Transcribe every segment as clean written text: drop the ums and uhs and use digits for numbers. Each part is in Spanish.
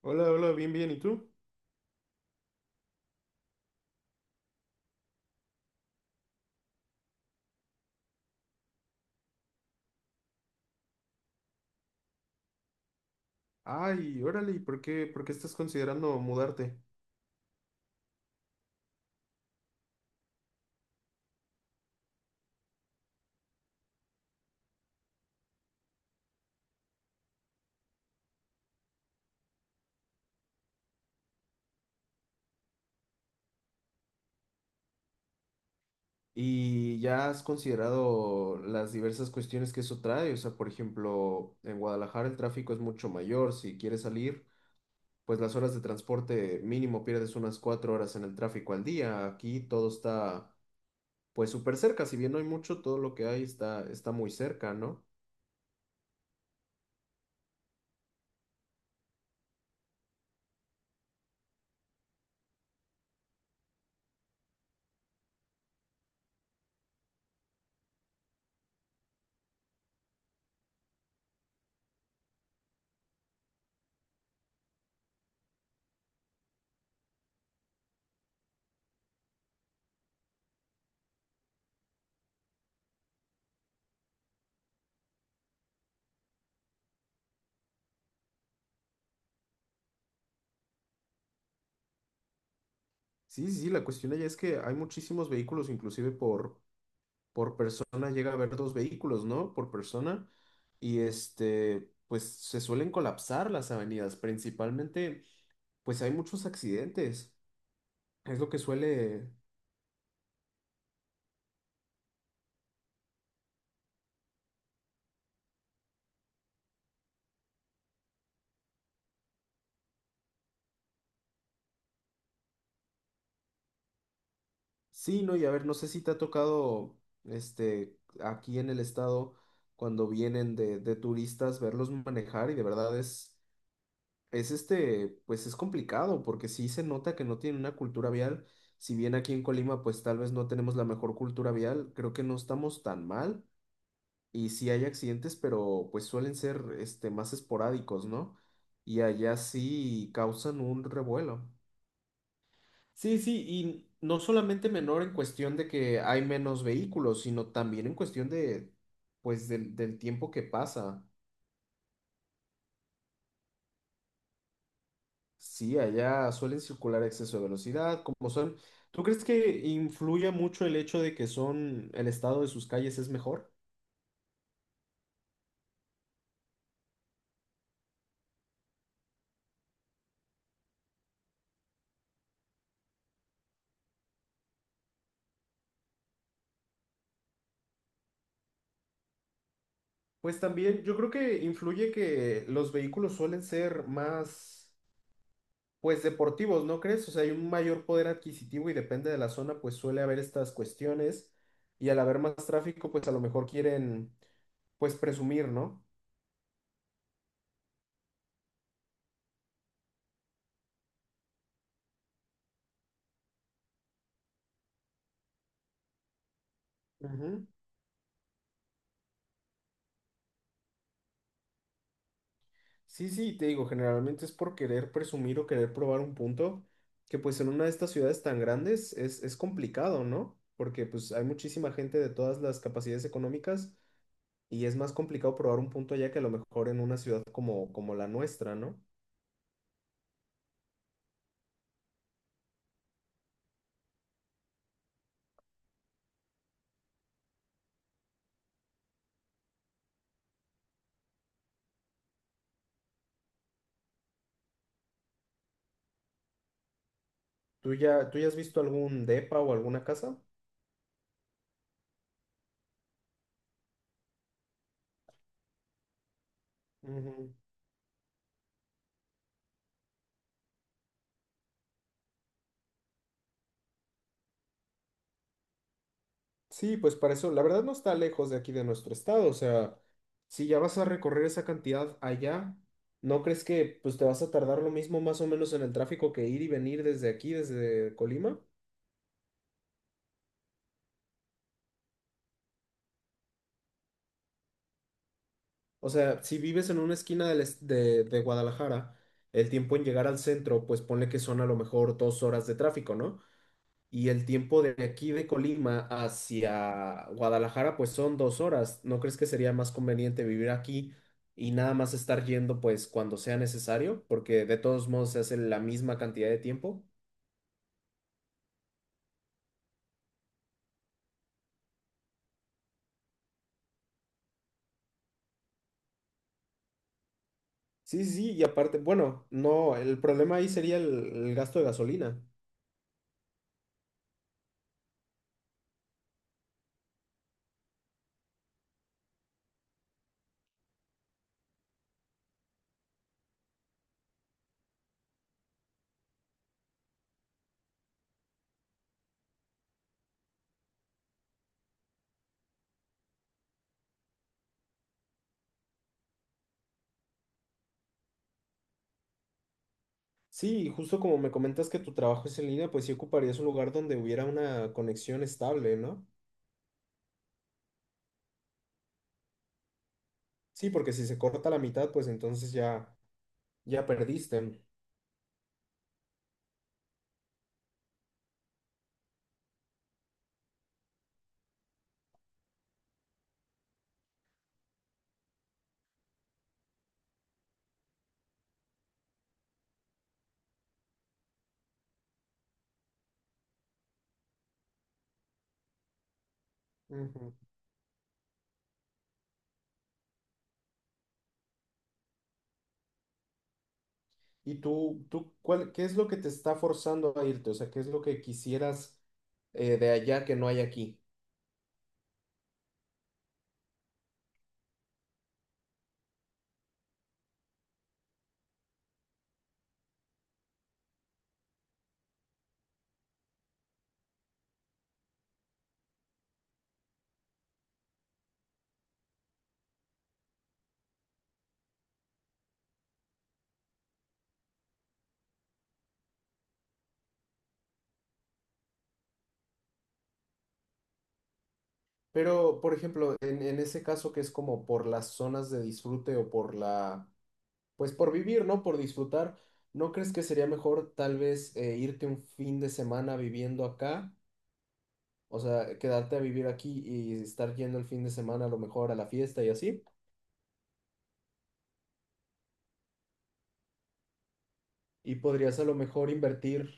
Hola, hola, bien, bien, ¿y tú? Ay, órale, ¿y por qué estás considerando mudarte? ¿Y ya has considerado las diversas cuestiones que eso trae? O sea, por ejemplo, en Guadalajara el tráfico es mucho mayor, si quieres salir, pues las horas de transporte mínimo pierdes unas 4 horas en el tráfico al día. Aquí todo está pues súper cerca, si bien no hay mucho, todo lo que hay está muy cerca, ¿no? Sí, sí, sí, la cuestión allá es que hay muchísimos vehículos, inclusive por persona llega a haber dos vehículos, ¿no? Por persona. Y este, pues se suelen colapsar las avenidas, principalmente, pues hay muchos accidentes. Es lo que suele. Sí, ¿no? Y a ver, no sé si te ha tocado, este, aquí en el estado, cuando vienen de turistas, verlos manejar y de verdad es. Es este, pues es complicado porque sí se nota que no tienen una cultura vial. Si bien aquí en Colima, pues tal vez no tenemos la mejor cultura vial, creo que no estamos tan mal. Y sí hay accidentes, pero pues suelen ser este, más esporádicos, ¿no? Y allá sí causan un revuelo. Sí, sí, y no solamente menor en cuestión de que hay menos vehículos, sino también en cuestión de, pues, del tiempo que pasa. Sí, allá suelen circular a exceso de velocidad, como son. ¿Tú crees que influye mucho el hecho de que son, el estado de sus calles es mejor? Pues también yo creo que influye que los vehículos suelen ser más pues deportivos, ¿no crees? O sea, hay un mayor poder adquisitivo y depende de la zona, pues suele haber estas cuestiones y al haber más tráfico, pues a lo mejor quieren, pues presumir, ¿no? Ujú. Sí, sí, te digo, generalmente es por querer presumir o querer probar un punto que pues en una de estas ciudades tan grandes es complicado, ¿no? Porque pues hay muchísima gente de todas las capacidades económicas y es más complicado probar un punto allá que a lo mejor en una ciudad como, como la nuestra, ¿no? ¿Tú ya has visto algún depa o alguna casa? Ujú. Sí, pues para eso, la verdad no está lejos de aquí de nuestro estado, o sea, si ya vas a recorrer esa cantidad allá, ¿no crees que pues te vas a tardar lo mismo más o menos en el tráfico que ir y venir desde aquí, desde Colima? O sea, si vives en una esquina de Guadalajara, el tiempo en llegar al centro, pues ponle que son a lo mejor 2 horas de tráfico, ¿no? Y el tiempo de aquí de Colima hacia Guadalajara, pues son 2 horas. ¿No crees que sería más conveniente vivir aquí y nada más estar yendo pues cuando sea necesario? Porque de todos modos se hace la misma cantidad de tiempo. Sí, sí, sí, y aparte, bueno, no, el problema ahí sería el gasto de gasolina. Sí, y justo como me comentas que tu trabajo es en línea, pues sí ocuparías un lugar donde hubiera una conexión estable, ¿no? Sí, porque si se corta la mitad, pues entonces ya, ya perdiste. Ujú. ¿Y tú cuál, qué es lo que te está forzando a irte? O sea, ¿qué es lo que quisieras de allá que no hay aquí? Pero, por ejemplo, en ese caso que es como por las zonas de disfrute o por la, pues por vivir, ¿no? Por disfrutar, ¿no crees que sería mejor tal vez irte un fin de semana viviendo acá? O sea, quedarte a vivir aquí y estar yendo el fin de semana a lo mejor a la fiesta y así. Y podrías a lo mejor invertir.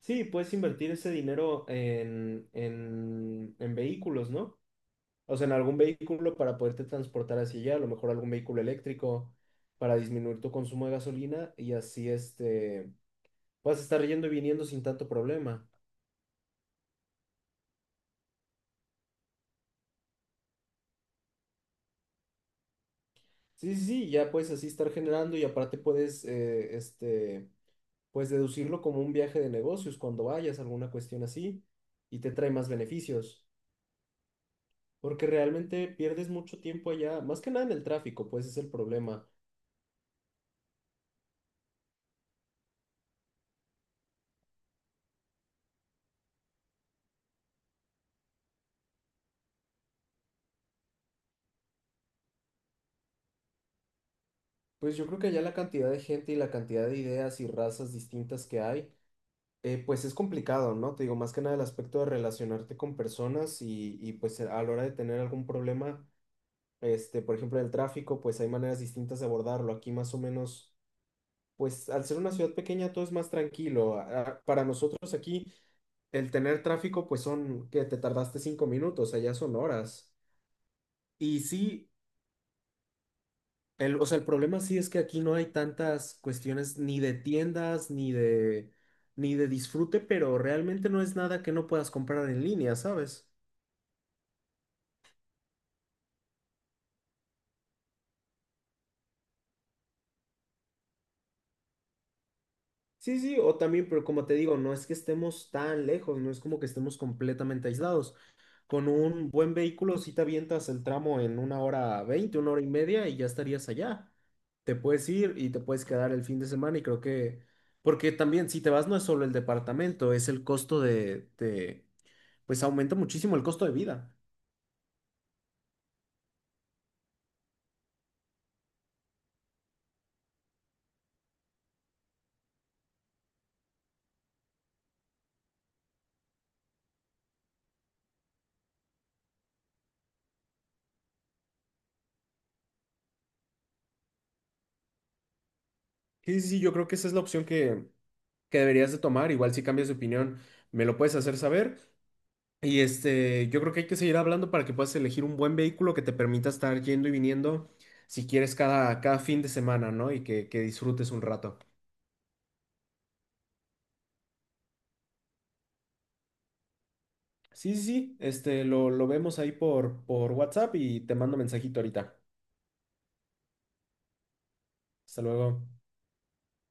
Sí, puedes invertir ese dinero en vehículos, ¿no? O sea, en algún vehículo para poderte transportar hacia allá, a lo mejor algún vehículo eléctrico para disminuir tu consumo de gasolina y así este, vas a estar yendo y viniendo sin tanto problema. Sí, sí, sí, ya puedes así estar generando y aparte puedes, este, pues deducirlo como un viaje de negocios cuando vayas, alguna cuestión así, y te trae más beneficios, porque realmente pierdes mucho tiempo allá, más que nada en el tráfico, pues es el problema. Pues yo creo que ya la cantidad de gente y la cantidad de ideas y razas distintas que hay, pues es complicado, ¿no? Te digo, más que nada el aspecto de relacionarte con personas y pues a la hora de tener algún problema, este, por ejemplo, el tráfico, pues hay maneras distintas de abordarlo. Aquí más o menos, pues al ser una ciudad pequeña todo es más tranquilo. Para nosotros aquí, el tener tráfico, pues son que te tardaste 5 minutos, allá son horas. Y sí, el, o sea, el problema sí es que aquí no hay tantas cuestiones ni de tiendas, ni de disfrute, pero realmente no es nada que no puedas comprar en línea, ¿sabes? Sí, sí, o también, pero como te digo, no es que estemos tan lejos, no es como que estemos completamente aislados. Con un buen vehículo, si te avientas el tramo en una hora veinte, una hora y media y ya estarías allá. Te puedes ir y te puedes quedar el fin de semana y creo que, porque también si te vas no es solo el departamento, es el costo pues aumenta muchísimo el costo de vida. Sí, sí, sí, yo creo que esa es la opción que deberías de tomar. Igual si cambias de opinión, me lo puedes hacer saber. Y este, yo creo que hay que seguir hablando para que puedas elegir un buen vehículo que te permita estar yendo y viniendo, si quieres, cada fin de semana, ¿no? Y que disfrutes un rato. Sí, sí, sí, este, lo vemos ahí por WhatsApp y te mando mensajito ahorita. Hasta luego.